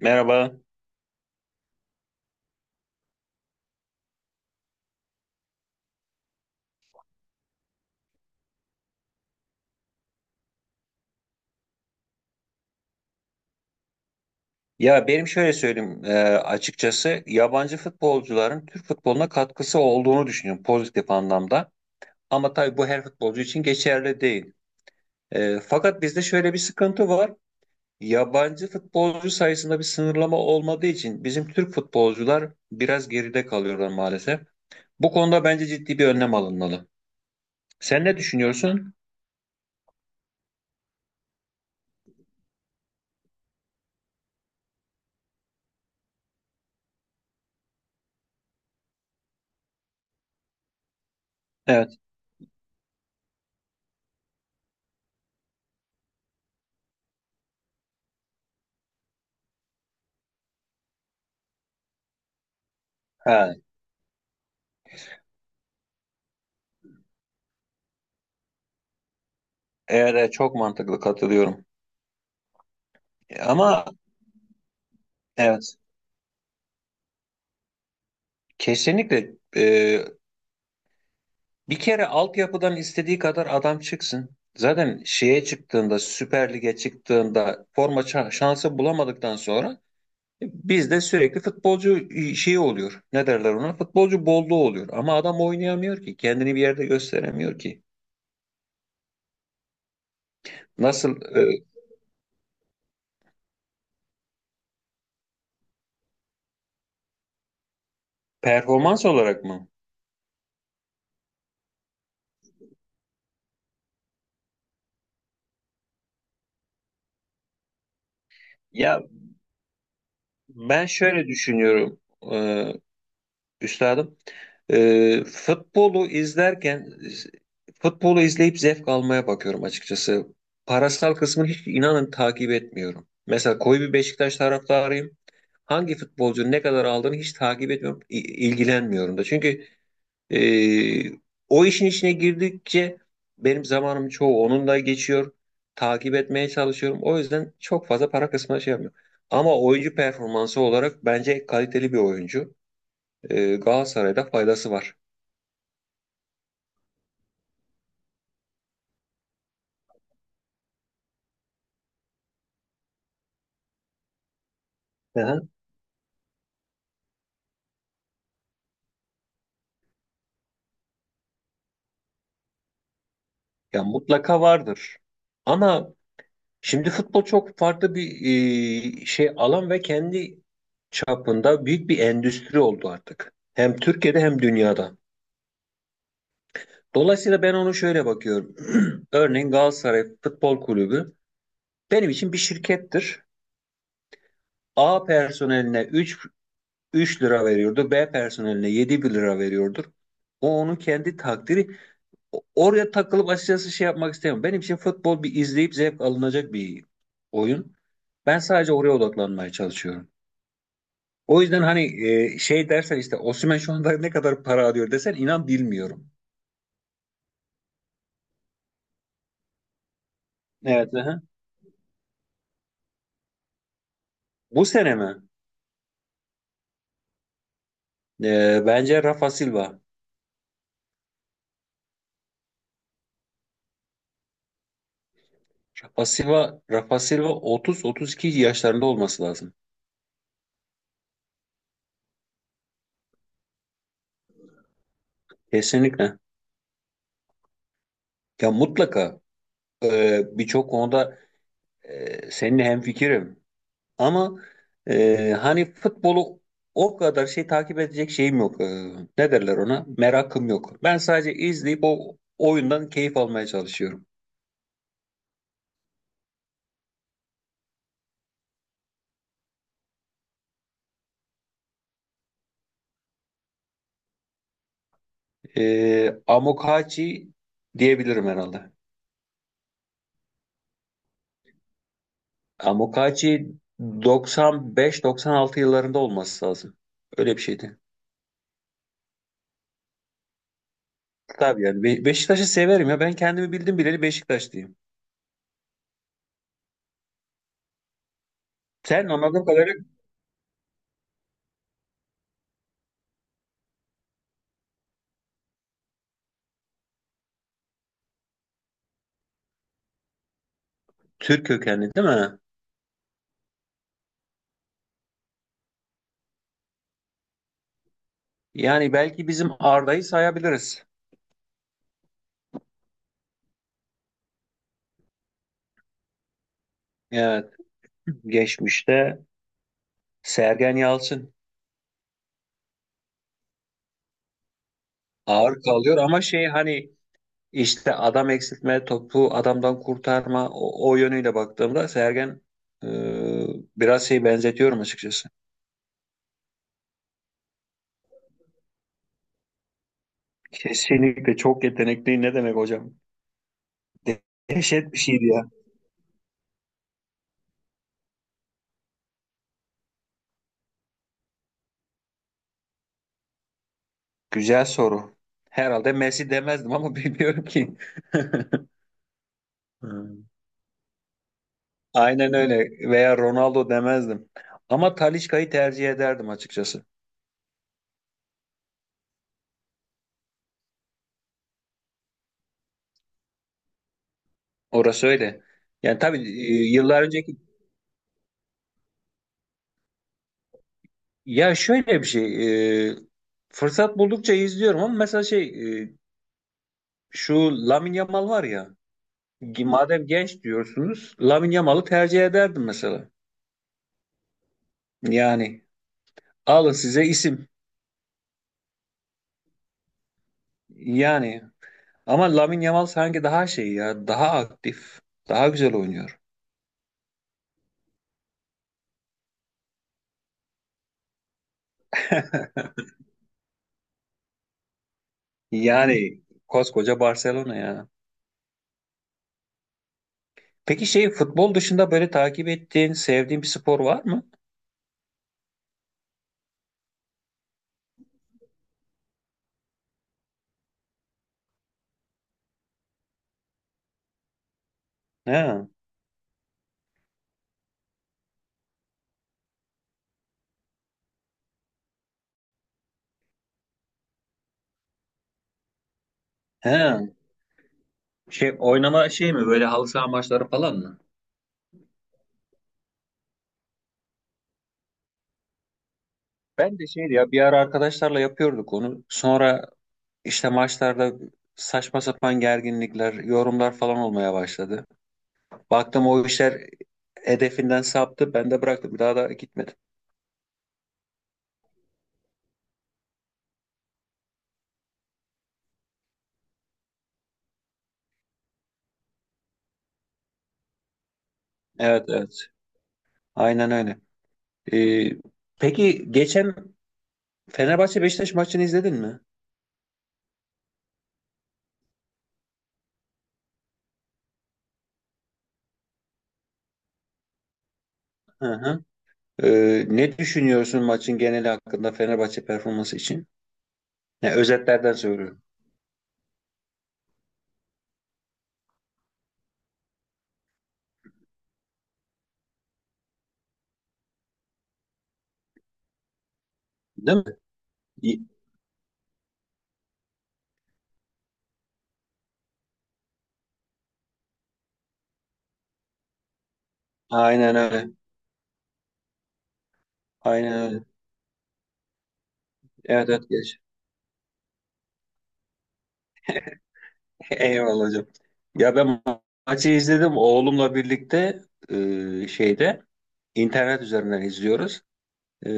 Merhaba. Ya benim şöyle söyleyeyim açıkçası yabancı futbolcuların Türk futboluna katkısı olduğunu düşünüyorum pozitif anlamda. Ama tabii bu her futbolcu için geçerli değil. Fakat bizde şöyle bir sıkıntı var. Yabancı futbolcu sayısında bir sınırlama olmadığı için bizim Türk futbolcular biraz geride kalıyorlar maalesef. Bu konuda bence ciddi bir önlem alınmalı. Sen ne düşünüyorsun? Evet. Ha, eğer çok mantıklı, katılıyorum. Ama evet, kesinlikle, bir kere altyapıdan istediği kadar adam çıksın. Zaten şeye çıktığında, Süper Lig'e çıktığında forma şansı bulamadıktan sonra bizde sürekli futbolcu şeyi oluyor. Ne derler ona? Futbolcu bolluğu oluyor. Ama adam oynayamıyor ki. Kendini bir yerde gösteremiyor ki. Nasıl? Performans olarak mı? Ya ben şöyle düşünüyorum, e, üstadım. Futbolu izlerken futbolu izleyip zevk almaya bakıyorum açıkçası. Parasal kısmını hiç, inanın, takip etmiyorum. Mesela koyu bir Beşiktaş taraftarıyım. Hangi futbolcunun ne kadar aldığını hiç takip etmiyorum, ilgilenmiyorum da. Çünkü Ee, o işin içine girdikçe benim zamanım çoğu onunla geçiyor. Takip etmeye çalışıyorum. O yüzden çok fazla para kısmına şey yapmıyorum. Ama oyuncu performansı olarak bence kaliteli bir oyuncu. Galatasaray'da faydası var. Hı hı. Ya mutlaka vardır. Ama şimdi futbol çok farklı bir şey alan ve kendi çapında büyük bir endüstri oldu artık. Hem Türkiye'de hem dünyada. Dolayısıyla ben onu şöyle bakıyorum. Örneğin Galatasaray Futbol Kulübü benim için bir şirkettir. A personeline 3 lira veriyordu. B personeline 7 lira veriyordur. O onun kendi takdiri. Oraya takılıp açıkçası şey yapmak istemiyorum. Benim için futbol bir izleyip zevk alınacak bir oyun. Ben sadece oraya odaklanmaya çalışıyorum. O yüzden hani şey dersen, işte Osimhen şu anda ne kadar para alıyor desen, inan, bilmiyorum. Evet. Aha. Bu sene mi? Bence Rafa Silva. Rafa Silva 30-32 yaşlarında olması lazım. Kesinlikle. Ya mutlaka birçok konuda seninle hemfikirim. Ama hani futbolu o kadar şey takip edecek şeyim yok. Ne derler ona? Merakım yok. Ben sadece izleyip o oyundan keyif almaya çalışıyorum. Amokachi diyebilirim herhalde. Amokachi 95-96 yıllarında olması lazım. Öyle bir şeydi. Tabii yani Beşiktaş'ı severim ya. Ben kendimi bildim bileli Beşiktaşlıyım. Sen anladığım kadarıyla Türk kökenli değil mi? Yani belki bizim Arda'yı sayabiliriz. Evet. Geçmişte Sergen Yalçın. Ağır kalıyor ama şey, hani işte adam eksiltme, topu adamdan kurtarma, o yönüyle baktığımda Sergen, e, biraz şey benzetiyorum açıkçası. Kesinlikle çok yetenekli, ne demek hocam? De- Dehşet bir şeydi ya. Güzel soru. Herhalde Messi demezdim ama bilmiyorum ki. Hmm. Aynen öyle. Veya Ronaldo demezdim. Ama Talisca'yı tercih ederdim açıkçası. Orası öyle. Yani tabii yıllar önceki, ya şöyle bir şey, fırsat buldukça izliyorum ama mesela şey, e, şu Lamine Yamal var ya, madem genç diyorsunuz, Lamine Yamal'ı tercih ederdim mesela. Yani alın size isim. Yani, ama Lamine Yamal sanki daha şey ya, daha aktif, daha güzel oynuyor. Yani koskoca Barcelona ya. Peki şey futbol dışında böyle takip ettiğin, sevdiğin bir spor var mı? He. He. Şey oynama şey mi, böyle halı saha maçları falan mı? Ben de şeydi ya, bir ara arkadaşlarla yapıyorduk onu. Sonra işte maçlarda saçma sapan gerginlikler, yorumlar falan olmaya başladı. Baktım o işler hedefinden saptı. Ben de bıraktım. Bir daha da gitmedim. Evet, evet. Aynen öyle. Ee, peki geçen Fenerbahçe Beşiktaş maçını izledin mi? Hı hı. Ne düşünüyorsun maçın geneli hakkında, Fenerbahçe performansı için? Ya, özetlerden söylüyorum. Değil mi? İ- Aynen öyle. Aynen öyle. Evet evet geç. Eyvallah hocam. Ya ben maçı izledim oğlumla birlikte, şeyde internet üzerinden izliyoruz. E,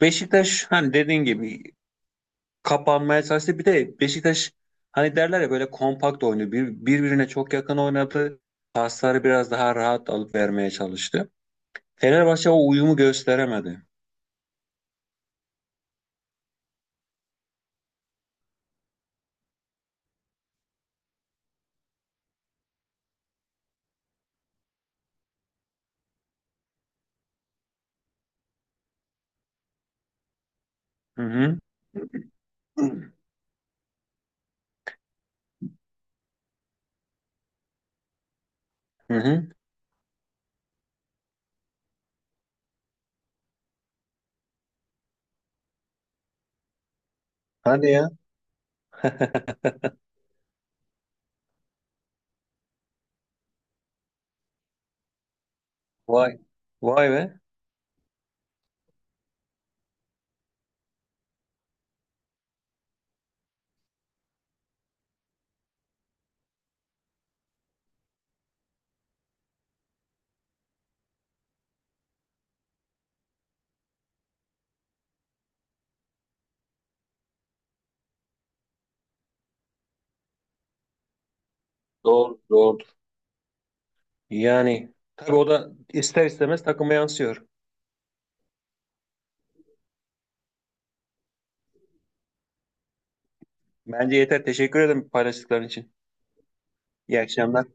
Beşiktaş hani dediğin gibi kapanmaya çalıştı. Bir de Beşiktaş hani derler ya, böyle kompakt oynuyor. Birbirine çok yakın oynadı. Pasları biraz daha rahat alıp vermeye çalıştı. Fenerbahçe o uyumu gösteremedi. Hı hı. Hı hı. Hadi ya. Vay. Vay be. Doğru, doğru. Yani tabii o da ister istemez takıma yansıyor. Bence yeter. Teşekkür ederim paylaştıkların için. İyi akşamlar.